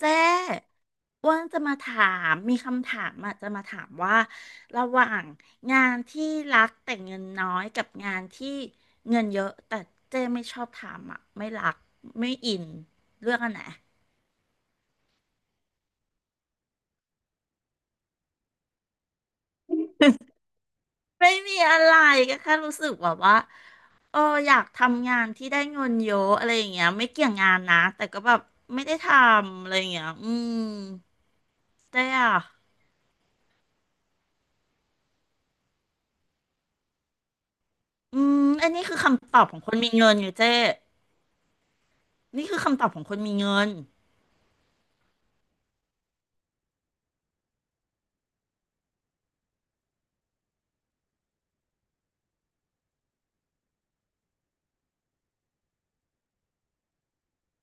เจ๊อ้วนจะมาถามมีคำถามอ่ะจะมาถามว่าระหว่างงานที่รักแต่เงินน้อยกับงานที่เงินเยอะแต่เจ๊ไม่ชอบทำอ่ะไม่รักไม่อินเลือกอันไหน ไม่มีอะไรก็แค่รู้สึกแบบว่าเอออยากทำงานที่ได้เงินเยอะอะไรอย่างเงี้ยไม่เกี่ยงงานนะแต่ก็แบบไม่ได้ทำอะไรอย่างเงี้ยอืมเจ๊อ่ะอืมอันนี้คือคำตอบของคนมีเงินอยู่เจ๊ นี่คือคำตอบของคนมีเงิน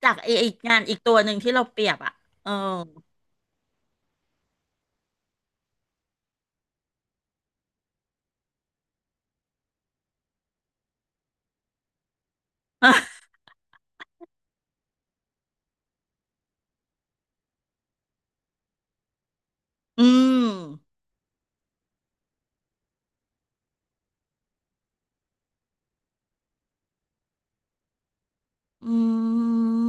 จากไองานอีกตัวหนึ่งที่เราเปรียบอ่ะเออ อืมอืม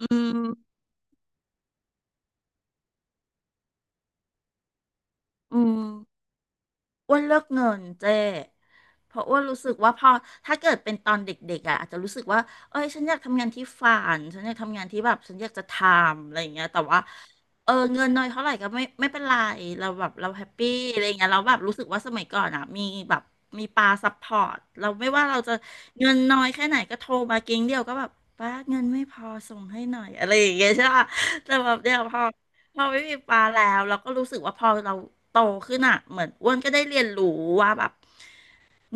อืมอืม อ้วนเลือกเงินเจ้เพราะอ้วนรู้สึกว่าพอถ้าเกิดเป็นตอนเด็กๆอ่ะอาจจะรู้สึกว่า เอ้ยฉันอยากทำงานที่ฝันฉันอยากทำงานที่แบบฉันอยากจะทำอะไรอย่างเงี้ยแต่ว่าเงินน้อยเท่าไหร่ก็ไม่เป็นไรเราแบบเราแฮปปี้อะไรอย่างเงี้ยเราแบบรู้สึกว่าสมัยก่อนอ่ะมีแบบมีปาซัพพอร์ตเราไม่ว่าเราจะเงินน้อยแค่ไหนก็โทรมาเก๊งเดียวก็แบบป้าเงินไม่พอส่งให้หน่อยอะไรอย่างเงี้ยใช่ปะแต่แบบเดี๋ยวพอ เราไม่มีปลาแล้วเราก็รู้สึกว่าพอเราโตขึ้นอ่ะเหมือนอ้วนก็ได้เรียนรู้ว่าแบบ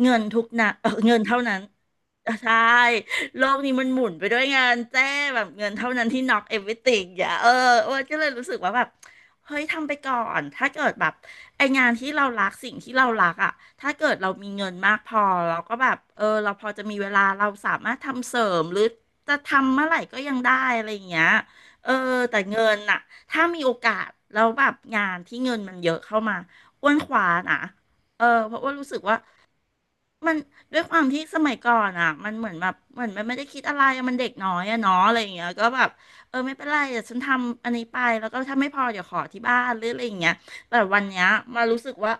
เงินทุกนะเออ เงินเท่านั้นใช่โลกนี้มันหมุนไปด้วยงานแจ้แบบเงินเท่านั้นที่ knock everything อย่าอ้วนก็เลยรู้สึกว่าแบบเฮ้ยทำไปก่อน ถ้าเกิดแบบไองานที่เรารักสิ่งที่เรารักอ่ะถ้าเกิดเรามีเงินมากพอเราก็แบบเราพอจะมีเวลาเราสามารถทำเสริมหรือจะทำเมื่อไหร่ก็ยังได้อะไรอย่างเงี้ยเออแต่เงินน่ะถ้ามีโอกาสแล้วแบบงานที่เงินมันเยอะเข้ามาอ้วนขวานะเพราะว่ารู้สึกว่า มันด้วยความที่สมัยก่อนอ่ะมันเหมือนแบบเหมือนมันไม่ได้คิดอะไรอะมันเด็กน้อยอะเนาะอะไรอย่างเงี้ยก็แบบไม่เป็นไรเดี๋ยวฉันทำอันนี้ไปแล้วก็ถ้าไม่พอเดี๋ยวขอที่บ้านหรืออะไรอย่างเงี้ยแต่วันเนี้ยมารู้สึกว่า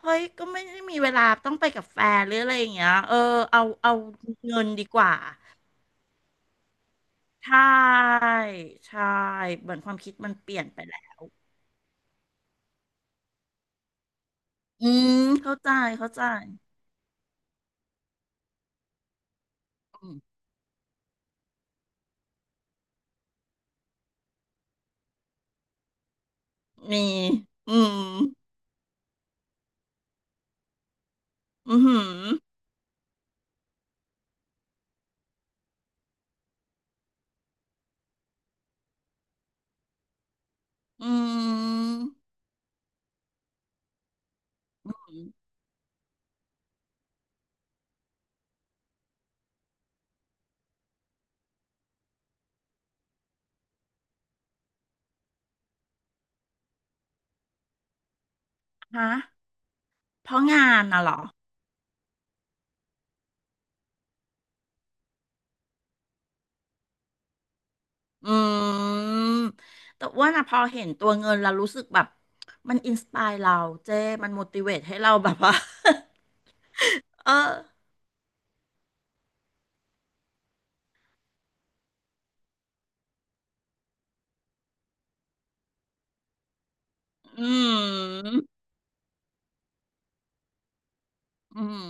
เฮ้ยก็ไม่ได้มีเวลาต้องไปกับแฟนหรืออะไรอย่างเงี้ยเอาเงินดีกว่าใช่ใช่เหมือนความคิดมันเปลี่ยนไปแหละอืมเข้าใจเข้าใจอืมมีอืมอืมอหืออืมฮะ เพราะงานน่ะเหรอ อืม แต่ว่าน่ะพอเห็นตัวเงินแล้วรู้สึกแบบมันอินสปายเราเจ้มันม t i เว e ให้เราแบบว่า เออ อืมอืม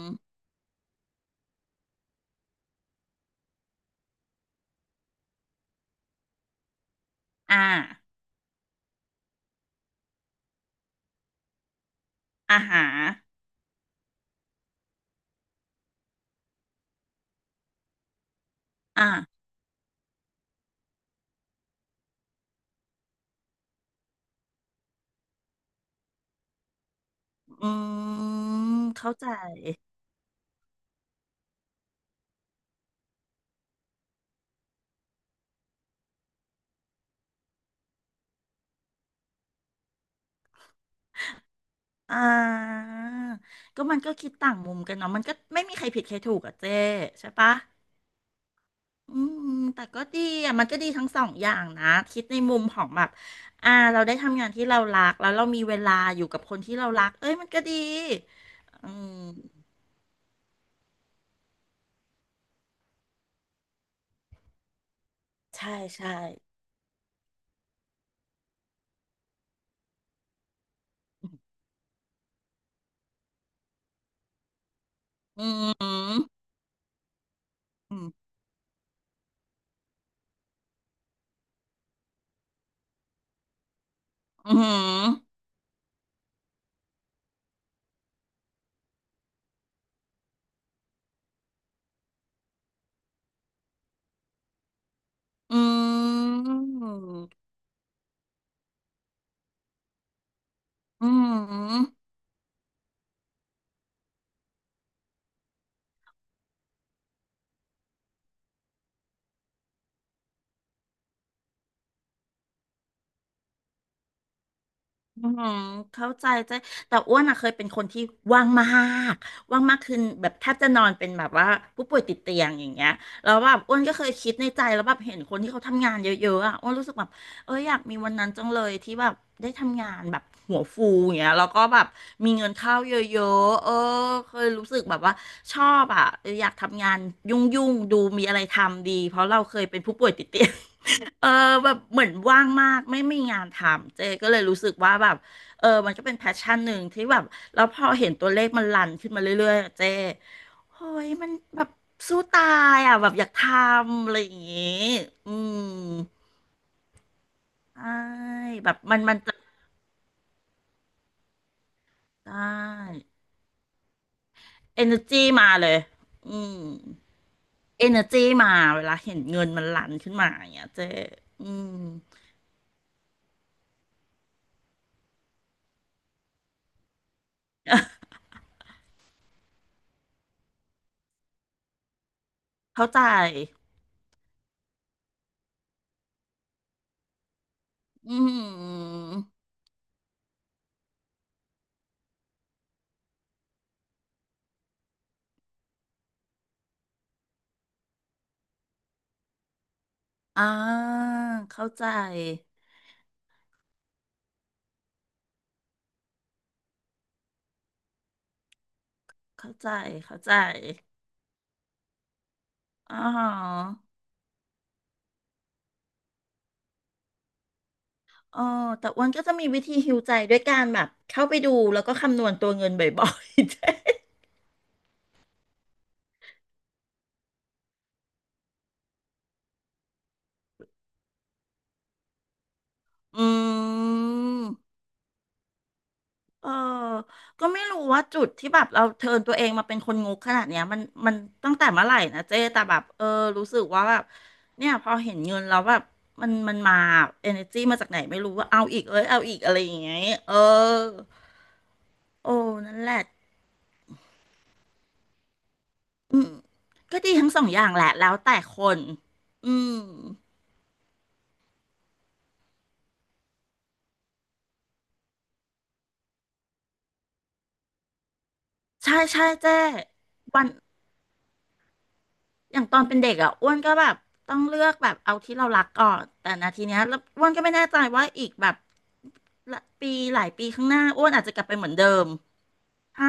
อ่าอาหารอ่าอืม เข้าใจ อ่าก็มันก็คิดต่างมุมกันเนาะมันก็ไม่มีใครผิดใครถูกอะเจ้ใช่ปะ อืมแต่ก็ดีอ่ะมันก็ดีทั้งสองอย่างนะคิดในมุมของแบบอ่าเราได้ทำงานที่เรารักแล้วเรามีเวลาอยู่กับคนที่เรารักเอ้ยมันก็ดีอืมใช่ใช่อืมอืมอืมอืมอืม อืมเข้าใจใจแต่อ้วนอะเคยเป็นคนที่ว่างมากว่างมากคือแบบแทบจะนอนเป็นแบบว่าผู้ป่วยติดเตียงอย่างเงี้ยแล้วแบบอ้วนก็เคยคิดในใจแล้วแบบเห็นคนที่เขาทำงานเยอะๆอะอ้วนรู้สึกแบบอยากมีวันนั้นจังเลยที่แบบได้ทำงานแบบหัวฟูอย่างเงี้ยแล้วก็แบบมีเงินเข้าเยอะๆเคยรู้สึกแบบว่าชอบอะอยากทำงานยุ่งๆดูมีอะไรทำดีเพราะเราเคยเป็นผู้ป่วยติดเตียง เออแบบเหมือนว่างมากไม่มีงานทำเจก็เลยรู้สึกว่าแบบมันก็เป็นแพชชั่นหนึ่งที่แบบแล้วพอเห็นตัวเลขมันรันขึ้นมาเรื่อยๆอะเจโอ้ยมันแบบสู้ตายอ่ะแบบอยากทำอะไรอย่างงี้อืมใช่แบบมันจะได้เอเนอร์จีมาเลยอืมเอเนอร์จีมาเวลาเห็นเงินมันรันขึ้นมาอย่างเงี้ยเจอืมเข้าใจอืมอ่าเข้าใจ เข้าใจเข้าใจอ๋ออ๋อแต่อ้วนก็จะมีวิธีฮิวใจด้วยการแบบเข้าไปดูแล้วก็คำนวณตัวเงินบ่อยๆ อืมเออก็ไม่รู้ว่าจุดที่แบบเราเทิร์นตัวเองมาเป็นคนงกขนาดเนี้ยมันตั้งแต่เมื่อไหร่นะเจ๊แต่แบบรู้สึกว่าแบบเนี่ยพอเห็นเงินแล้วแบบมันมาเอเนอร์จีมาจากไหนไม่รู้ว่าเอาอีกเอ้ยเอาอีกอะไรอย่างเงี้ยเออโอ้นั่นแหละ อืมก็ดีทั้งสองอย่างแหละแล้วแต่คนอืมใช่ใช่เจ้วันอย่างตอนเป็นเด็กอ่ะอ้วนก็แบบต้องเลือกแบบเอาที่เรารักก่อนแต่นาทีเนี้ยแล้วอ้วนก็ไม่แน่ใจว่าอีกแบบละปีหลายปีข้างหน้าอ้วนอาจจะกลับไปเหมือนเดิมใช่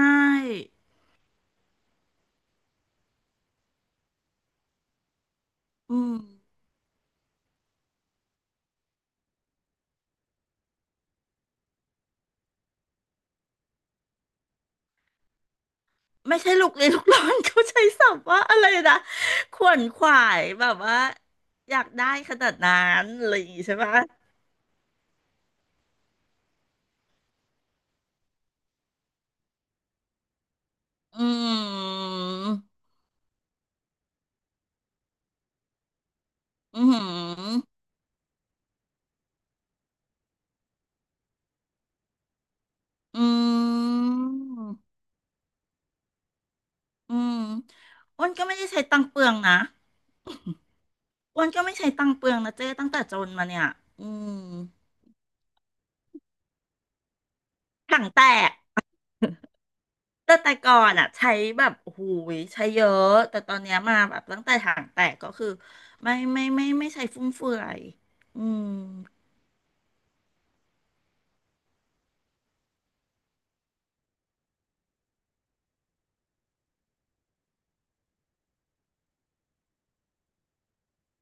อืมไม่ใช่ลูกเลยลูกร้อนเขาใช้ศัพท์ว่าอะไรนะขวนขวายแบบว่าอยากได้ขนาดนั้นอะไรอย่างงี้ใช่ปะอืมอืม อืมอืมอ้วนก็ไม่ได้ใช้ตังค์เปลืองนะอ้วนก็ไม่ใช้ตังค์เปลืองนะเจ้ตั้งแต่จนมาเนี่ยอืมถังแตกแต่แต่ก่อนอ่ะใช้แบบโอ้โหูยใช้เยอะแต่ตอนเนี้ยมาแบบตั้งแต่ถังแตกก็คือไม่ใช้ฟุ่มเฟือยอืม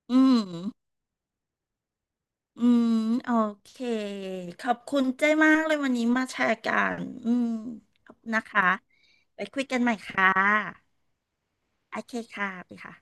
อืมอืมโอเคขอบคุณเจ้มากเลยวันนี้มาแชร์กันอืมขอบคุณนะคะไปคุยกันใหม่ค่ะโอเคค่ะไปค่ะ